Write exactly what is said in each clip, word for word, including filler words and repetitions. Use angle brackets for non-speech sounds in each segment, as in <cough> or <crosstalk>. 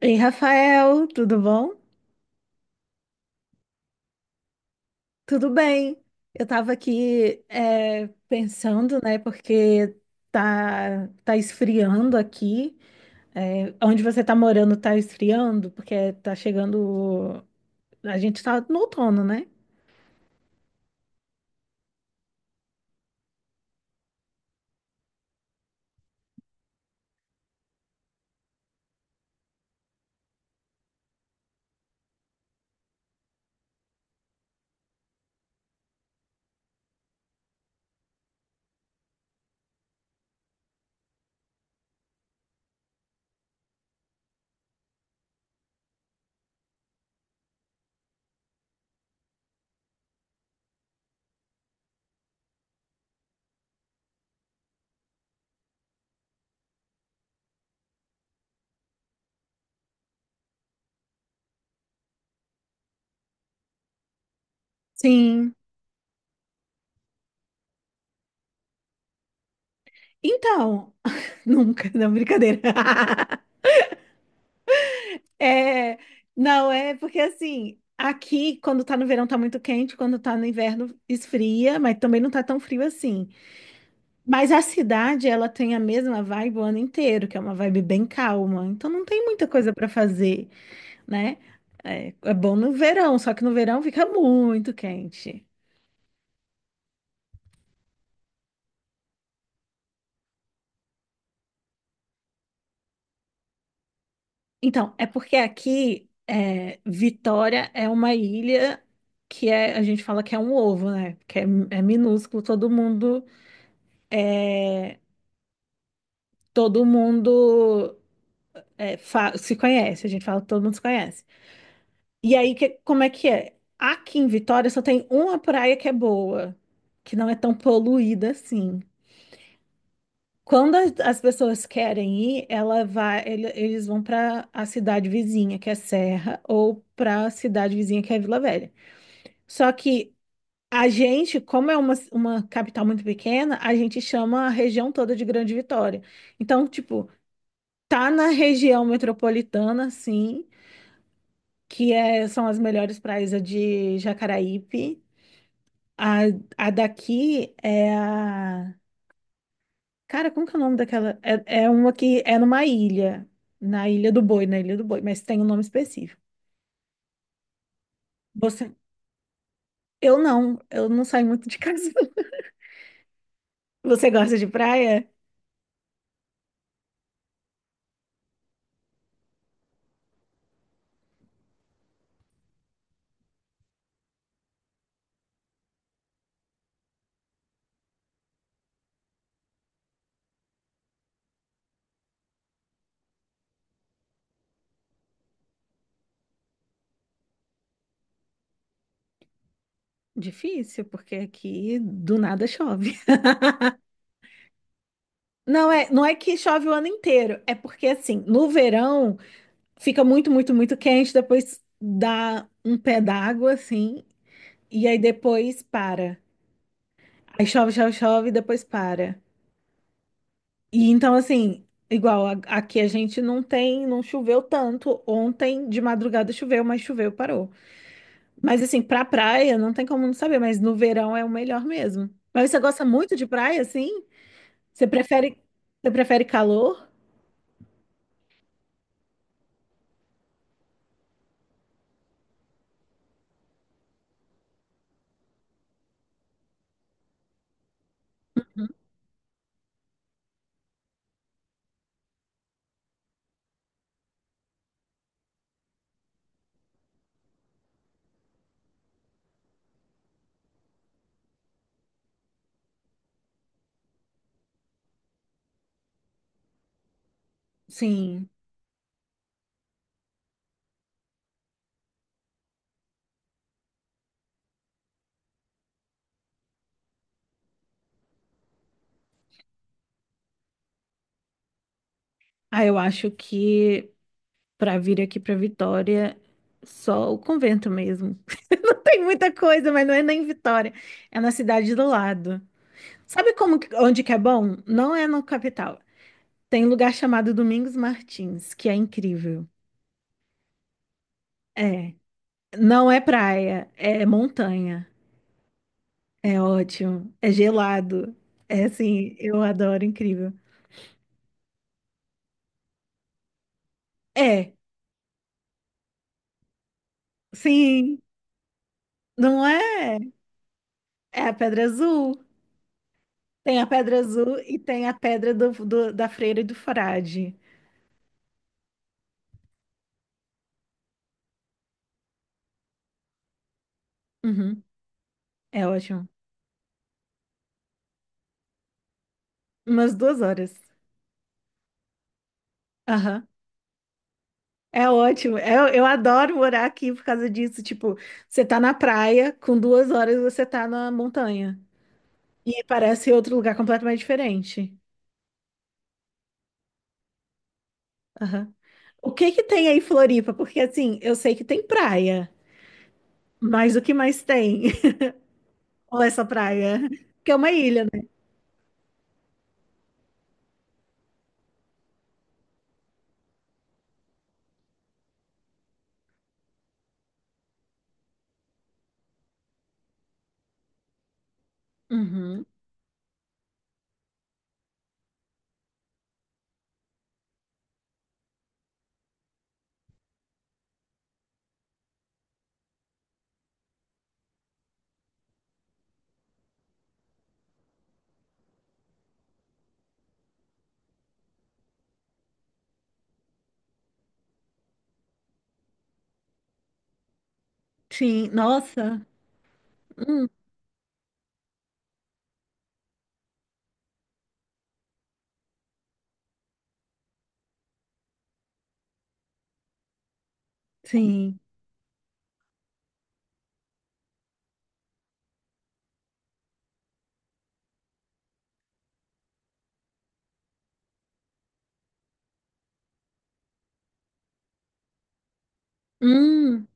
Ei, Rafael, tudo bom? Tudo bem. Eu estava aqui é, pensando, né, porque tá, tá esfriando aqui. É, onde você está morando tá esfriando, porque tá chegando. A gente está no outono, né? Sim. Então, <laughs> nunca, não, brincadeira. <laughs> É, não, é porque assim, aqui quando tá no verão tá muito quente, quando tá no inverno esfria, mas também não tá tão frio assim. Mas a cidade, ela tem a mesma vibe o ano inteiro, que é uma vibe bem calma. Então não tem muita coisa para fazer, né? É, é bom no verão, só que no verão fica muito quente. Então, é porque aqui, é, Vitória é uma ilha que é, a gente fala que é um ovo, né? Que é, é minúsculo, todo mundo, é, todo mundo é, fa- se conhece. A gente fala que todo mundo se conhece. E aí, que, como é que é? Aqui em Vitória só tem uma praia que é boa, que não é tão poluída assim. Quando as as pessoas querem ir, ela vai, ele- eles vão para a cidade vizinha, que é Serra, ou para a cidade vizinha, que é Vila Velha. Só que a gente, como é uma, uma capital muito pequena, a gente chama a região toda de Grande Vitória. Então, tipo, tá na região metropolitana, sim, que é, são as melhores praias a de Jacaraípe. A, a daqui é a. Cara, como que é o nome daquela? É, é uma que é numa ilha. Na Ilha do Boi, na Ilha do Boi, mas tem um nome específico. Você. Eu não, eu não saio muito de casa. <laughs> Você gosta de praia? Difícil, porque aqui do nada chove. <laughs> Não é, não é que chove o ano inteiro, é porque assim, no verão fica muito, muito, muito quente, depois dá um pé d'água assim, e aí depois para. Aí chove, chove, chove, e depois para. E então, assim, igual a- aqui a gente não tem, não choveu tanto. Ontem de madrugada choveu, mas choveu, parou. Mas assim, pra praia não tem como não saber, mas no verão é o melhor mesmo. Mas você gosta muito de praia, assim? Você prefere, você prefere calor? Sim. Ah, eu acho que pra vir aqui pra Vitória, só o convento mesmo. <laughs> Não tem muita coisa, mas não é nem Vitória. É na cidade do lado. Sabe como, que- onde que é bom? Não é no capital. Tem um lugar chamado Domingos Martins, que é incrível. É. Não é praia, é montanha. É ótimo. É gelado. É assim, eu adoro, incrível. É, sim, não é? É a Pedra Azul. Tem a Pedra Azul e tem a Pedra do, do- da Freira e do Frade. Uhum, é ótimo. Umas duas horas. Aham. É ótimo. Eu, eu adoro morar aqui por causa disso. Tipo, você tá na praia, com duas horas você tá na montanha. E parece outro lugar completamente diferente. Aham. O que que tem aí em Floripa? Porque assim, eu sei que tem praia, mas o que mais tem? <laughs> Ou essa praia? Que é uma ilha, né? Uhum. Sim, nossa. Hum, sim. Hum.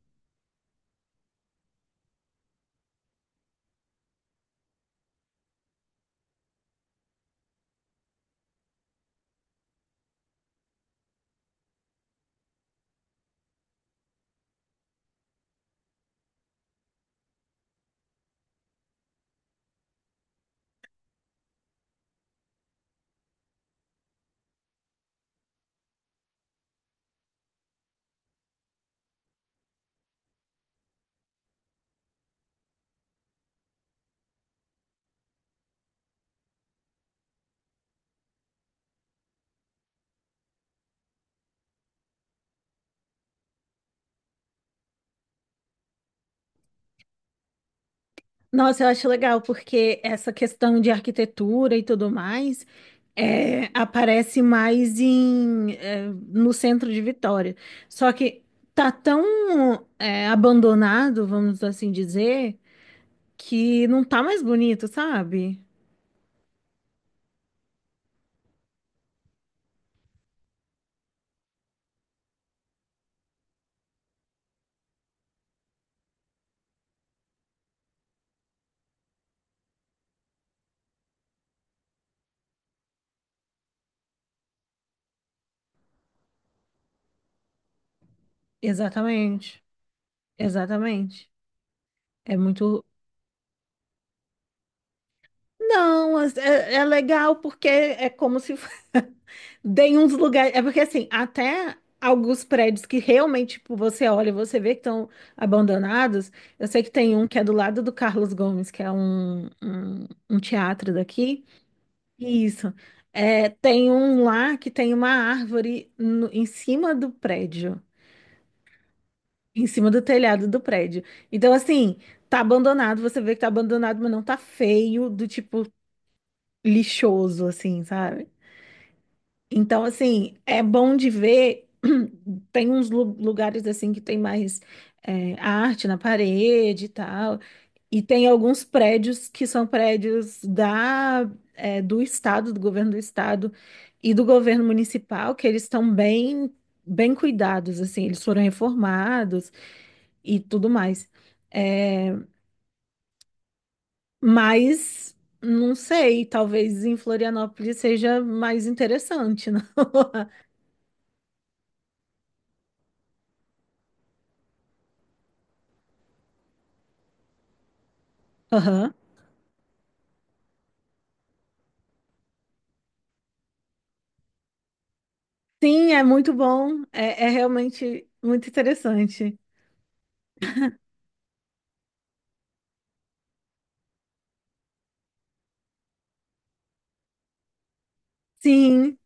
Nossa, eu acho legal, porque essa questão de arquitetura e tudo mais é, aparece mais em, é, no centro de Vitória. Só que tá tão é, abandonado, vamos assim dizer. Que não tá mais bonito, sabe? Exatamente, exatamente. É muito. Não, as- é, é legal porque é como se <laughs> tem uns lugares. É porque assim, até alguns prédios que realmente tipo, você olha e você vê que estão abandonados. Eu sei que tem um que é do lado do Carlos Gomes, que é um, um, um teatro daqui. Isso. É, tem um lá que tem uma árvore no- em cima do prédio. Em cima do telhado do prédio. Então, assim, tá abandonado, você vê que tá abandonado, mas não tá feio, do tipo lixoso, assim, sabe? Então, assim, é bom de ver. <clears throat> Tem uns lu- lugares, assim, que tem mais é, arte na parede e tal. E tem alguns prédios que são prédios da, é, do estado, do governo do estado e do governo municipal, que eles estão bem, bem cuidados, assim, eles foram reformados e tudo mais. É, mas não sei, talvez em Florianópolis seja mais interessante, não? <laughs> Aham. Sim, é muito bom. É, é realmente muito interessante. Sim,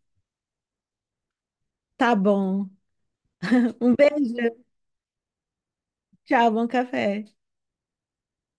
tá bom. Um beijo. Tchau, bom café.